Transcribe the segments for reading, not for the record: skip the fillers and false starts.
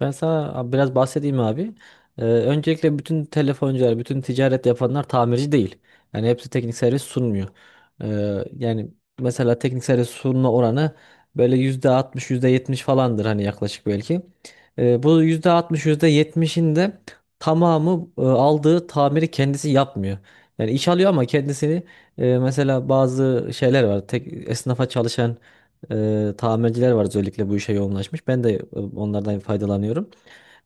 Ben sana biraz bahsedeyim abi. Öncelikle bütün telefoncular, bütün ticaret yapanlar tamirci değil. Yani hepsi teknik servis sunmuyor. Yani mesela teknik servis sunma oranı böyle %60, %70 falandır hani yaklaşık belki. Bu %60, %70'in de tamamı aldığı tamiri kendisi yapmıyor. Yani iş alıyor ama kendisini mesela bazı şeyler var. Esnafa çalışan tamirciler var, özellikle bu işe yoğunlaşmış. Ben de onlardan faydalanıyorum,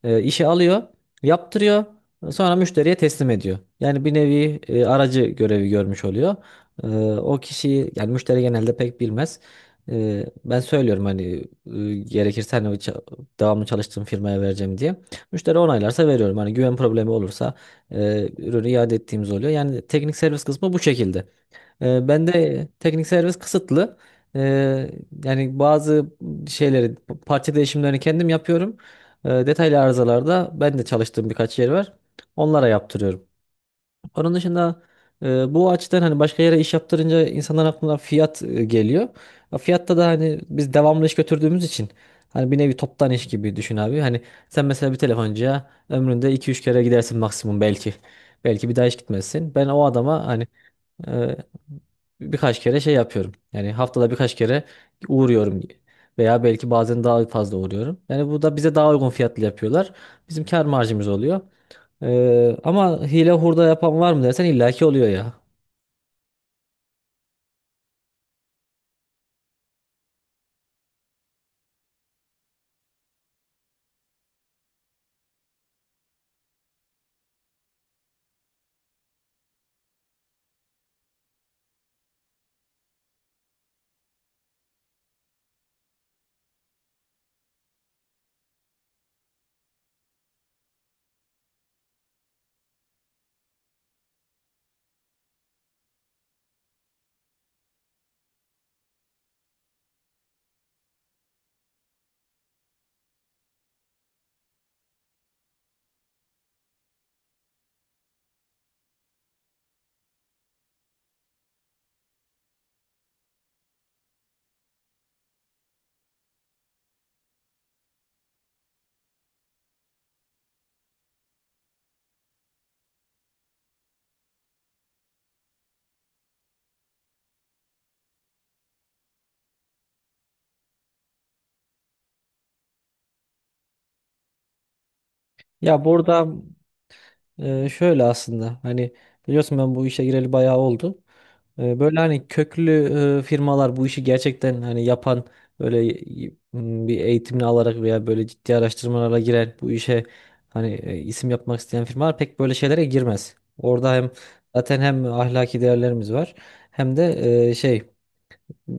işi alıyor, yaptırıyor, sonra müşteriye teslim ediyor. Yani bir nevi aracı görevi görmüş oluyor. E, o kişiyi yani müşteri genelde pek bilmez. Ben söylüyorum hani gerekirse hani devamlı çalıştığım firmaya vereceğim diye. Müşteri onaylarsa veriyorum. Hani güven problemi olursa ürünü iade ettiğimiz oluyor. Yani teknik servis kısmı bu şekilde. Ben de teknik servis kısıtlı. Ee, yani bazı şeyleri, parça değişimlerini kendim yapıyorum. Detaylı arızalarda ben de çalıştığım birkaç yer var. Onlara yaptırıyorum. Onun dışında bu açıdan hani başka yere iş yaptırınca insanların aklına fiyat geliyor. Ya fiyatta da hani biz devamlı iş götürdüğümüz için hani bir nevi toptan iş gibi düşün abi. Hani sen mesela bir telefoncuya ömründe iki üç kere gidersin maksimum belki. Belki bir daha hiç gitmezsin. Ben o adama hani ee, birkaç kere şey yapıyorum. Yani haftada birkaç kere uğruyorum veya belki bazen daha fazla uğruyorum. Yani bu da bize daha uygun fiyatlı yapıyorlar. Bizim kar marjımız oluyor. Ama hile hurda yapan var mı dersen illaki oluyor ya. Ya burada şöyle aslında hani biliyorsun, ben bu işe gireli bayağı oldu. Böyle hani köklü firmalar, bu işi gerçekten hani yapan, bir eğitimini alarak veya böyle ciddi araştırmalara giren, bu işe hani isim yapmak isteyen firmalar pek böyle şeylere girmez. Orada hem zaten hem ahlaki değerlerimiz var hem de e, şey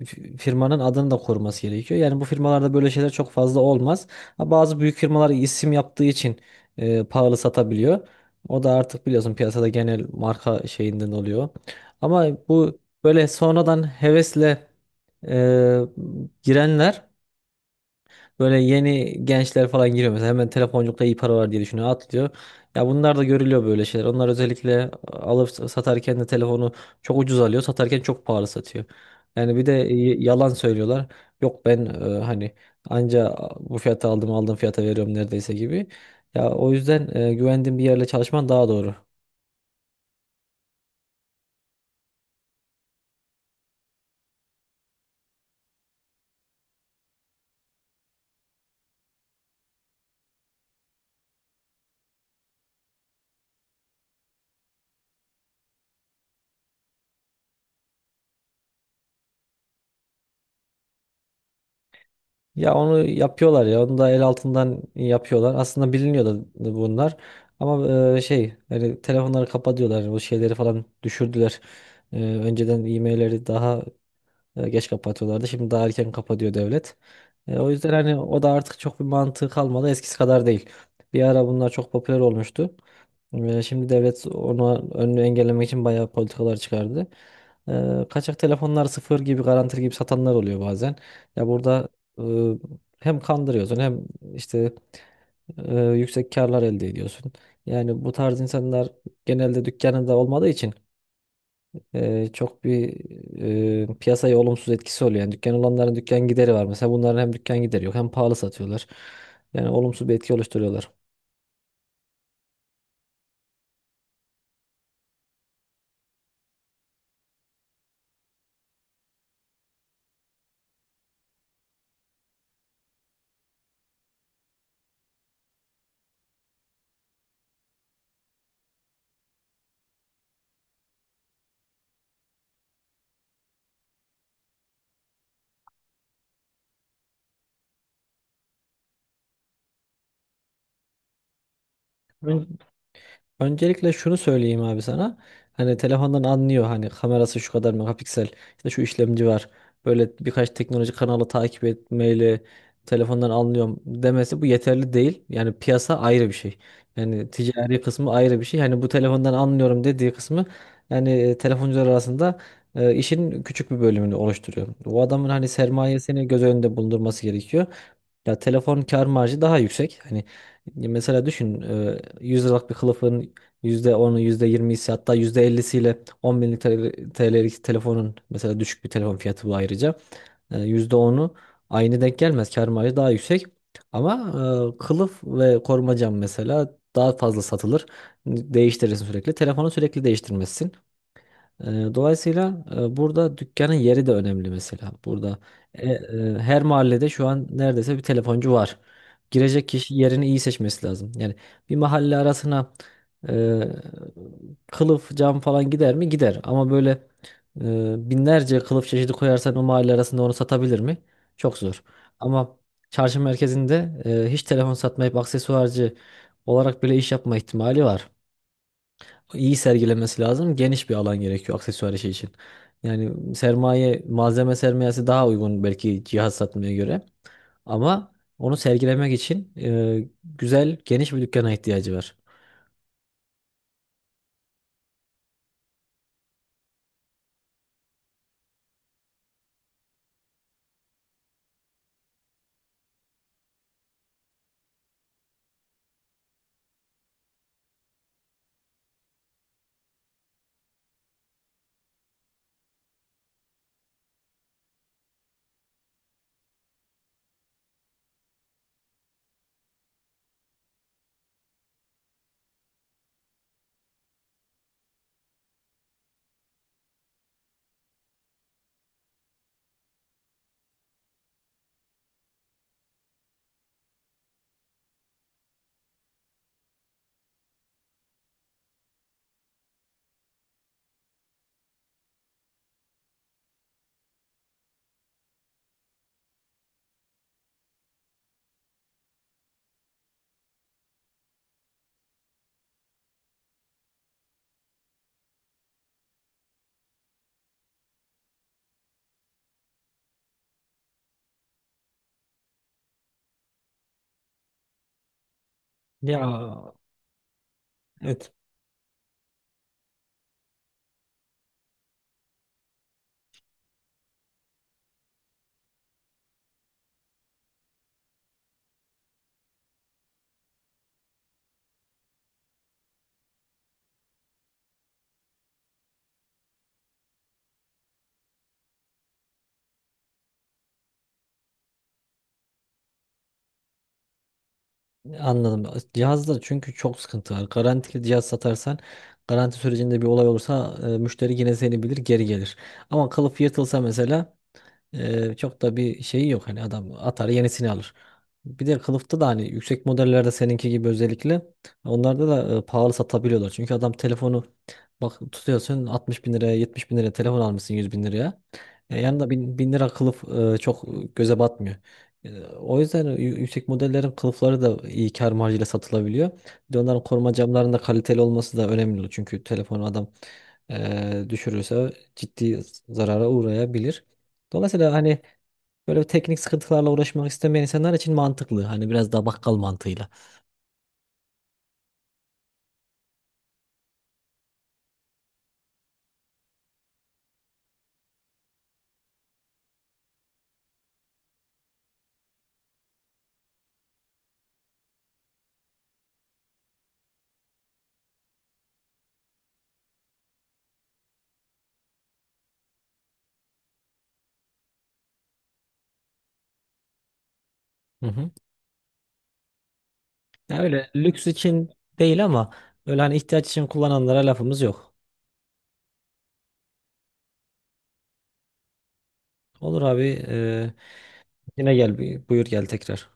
firmanın adını da koruması gerekiyor. Yani bu firmalarda böyle şeyler çok fazla olmaz. Ha, Bazı büyük firmalar isim yaptığı için pahalı satabiliyor. O da artık biliyorsun, piyasada genel marka şeyinden oluyor. Ama bu böyle sonradan hevesle e, girenler, böyle yeni gençler falan giriyor mesela, hemen telefonculukta iyi para var diye düşünüyor, atlıyor. Ya bunlar da görülüyor böyle şeyler. Onlar özellikle alıp satarken de telefonu çok ucuz alıyor, satarken çok pahalı satıyor. Yani bir de yalan söylüyorlar. Yok, ben hani anca bu fiyata aldım, aldığım fiyata veriyorum neredeyse gibi. Ya o yüzden güvendiğin bir yerle çalışman daha doğru. Ya onu yapıyorlar ya. Onu da el altından yapıyorlar. Aslında biliniyordu bunlar. Ama hani telefonları kapatıyorlar. O şeyleri falan düşürdüler. Önceden e-mailleri daha geç kapatıyorlardı. Şimdi daha erken kapatıyor devlet. O yüzden hani o da artık çok bir mantığı kalmadı. Eskisi kadar değil. Bir ara bunlar çok popüler olmuştu. Şimdi devlet onu, önünü engellemek için bayağı politikalar çıkardı. Kaçak telefonlar sıfır gibi, garantili gibi satanlar oluyor bazen. Ya burada e, hem kandırıyorsun hem işte yüksek karlar elde ediyorsun. Yani bu tarz insanlar genelde dükkanında olmadığı için çok bir piyasaya olumsuz etkisi oluyor. Yani dükkan olanların dükkan gideri var. Mesela bunların hem dükkan gideri yok hem pahalı satıyorlar. Yani olumsuz bir etki oluşturuyorlar. Öncelikle şunu söyleyeyim abi sana. Hani telefondan anlıyor, hani kamerası şu kadar megapiksel, işte şu işlemci var. Böyle birkaç teknoloji kanalı takip etmeyle telefondan anlıyorum demesi, bu yeterli değil. Yani piyasa ayrı bir şey. Yani ticari kısmı ayrı bir şey. Hani bu telefondan anlıyorum dediği kısmı yani telefoncular arasında işin küçük bir bölümünü oluşturuyor. O adamın hani sermayesini göz önünde bulundurması gerekiyor. Ya telefon kar marjı daha yüksek. Hani mesela düşün, 100 liralık bir kılıfın yüzde onu, yüzde %20'si, hatta %50'siyle 10 bin TL'lik telefonun, mesela düşük bir telefon fiyatı bu ayrıca, yüzde onu aynı denk gelmez. Kar marjı daha yüksek. Ama kılıf ve koruma cam mesela daha fazla satılır. Değiştirirsin sürekli. Telefonu sürekli değiştirmezsin. Ee, Dolayısıyla burada dükkanın yeri de önemli mesela. Burada her mahallede şu an neredeyse bir telefoncu var. Girecek kişi yerini iyi seçmesi lazım. Yani bir mahalle arasına e, kılıf, cam falan gider mi? Gider. Ama böyle binlerce kılıf çeşidi koyarsan, o mahalle arasında onu satabilir mi? Çok zor. Ama çarşı merkezinde hiç telefon satmayıp aksesuarcı olarak bile iş yapma ihtimali var, iyi sergilemesi lazım. Geniş bir alan gerekiyor aksesuar işi için. Yani sermaye, malzeme sermayesi daha uygun belki cihaz satmaya göre. Ama onu sergilemek için güzel, geniş bir dükkana ihtiyacı var. Ya, evet. Anladım. Cihazda çünkü çok sıkıntı var. Garantili cihaz satarsan, garanti sürecinde bir olay olursa müşteri yine seni bilir, geri gelir. Ama kılıf yırtılsa mesela, çok da bir şeyi yok, hani adam atar, yenisini alır. Bir de kılıfta da hani yüksek modellerde, seninki gibi özellikle, onlarda da pahalı satabiliyorlar. Çünkü adam telefonu, bak, tutuyorsun 60 bin liraya, 70 bin liraya telefon almışsın, 100 bin liraya. Yanında bin lira kılıf çok göze batmıyor. O yüzden yüksek modellerin kılıfları da iyi kar marjıyla satılabiliyor. Bir de onların koruma camlarının da kaliteli olması da önemli. Çünkü telefonu adam düşürürse ciddi zarara uğrayabilir. Dolayısıyla hani böyle bir teknik sıkıntılarla uğraşmak istemeyen insanlar için mantıklı. Hani biraz daha bakkal mantığıyla. Hı hı. Ya öyle lüks için değil ama öyle hani ihtiyaç için kullananlara lafımız yok. Olur abi. Yine gel, buyur, gel tekrar.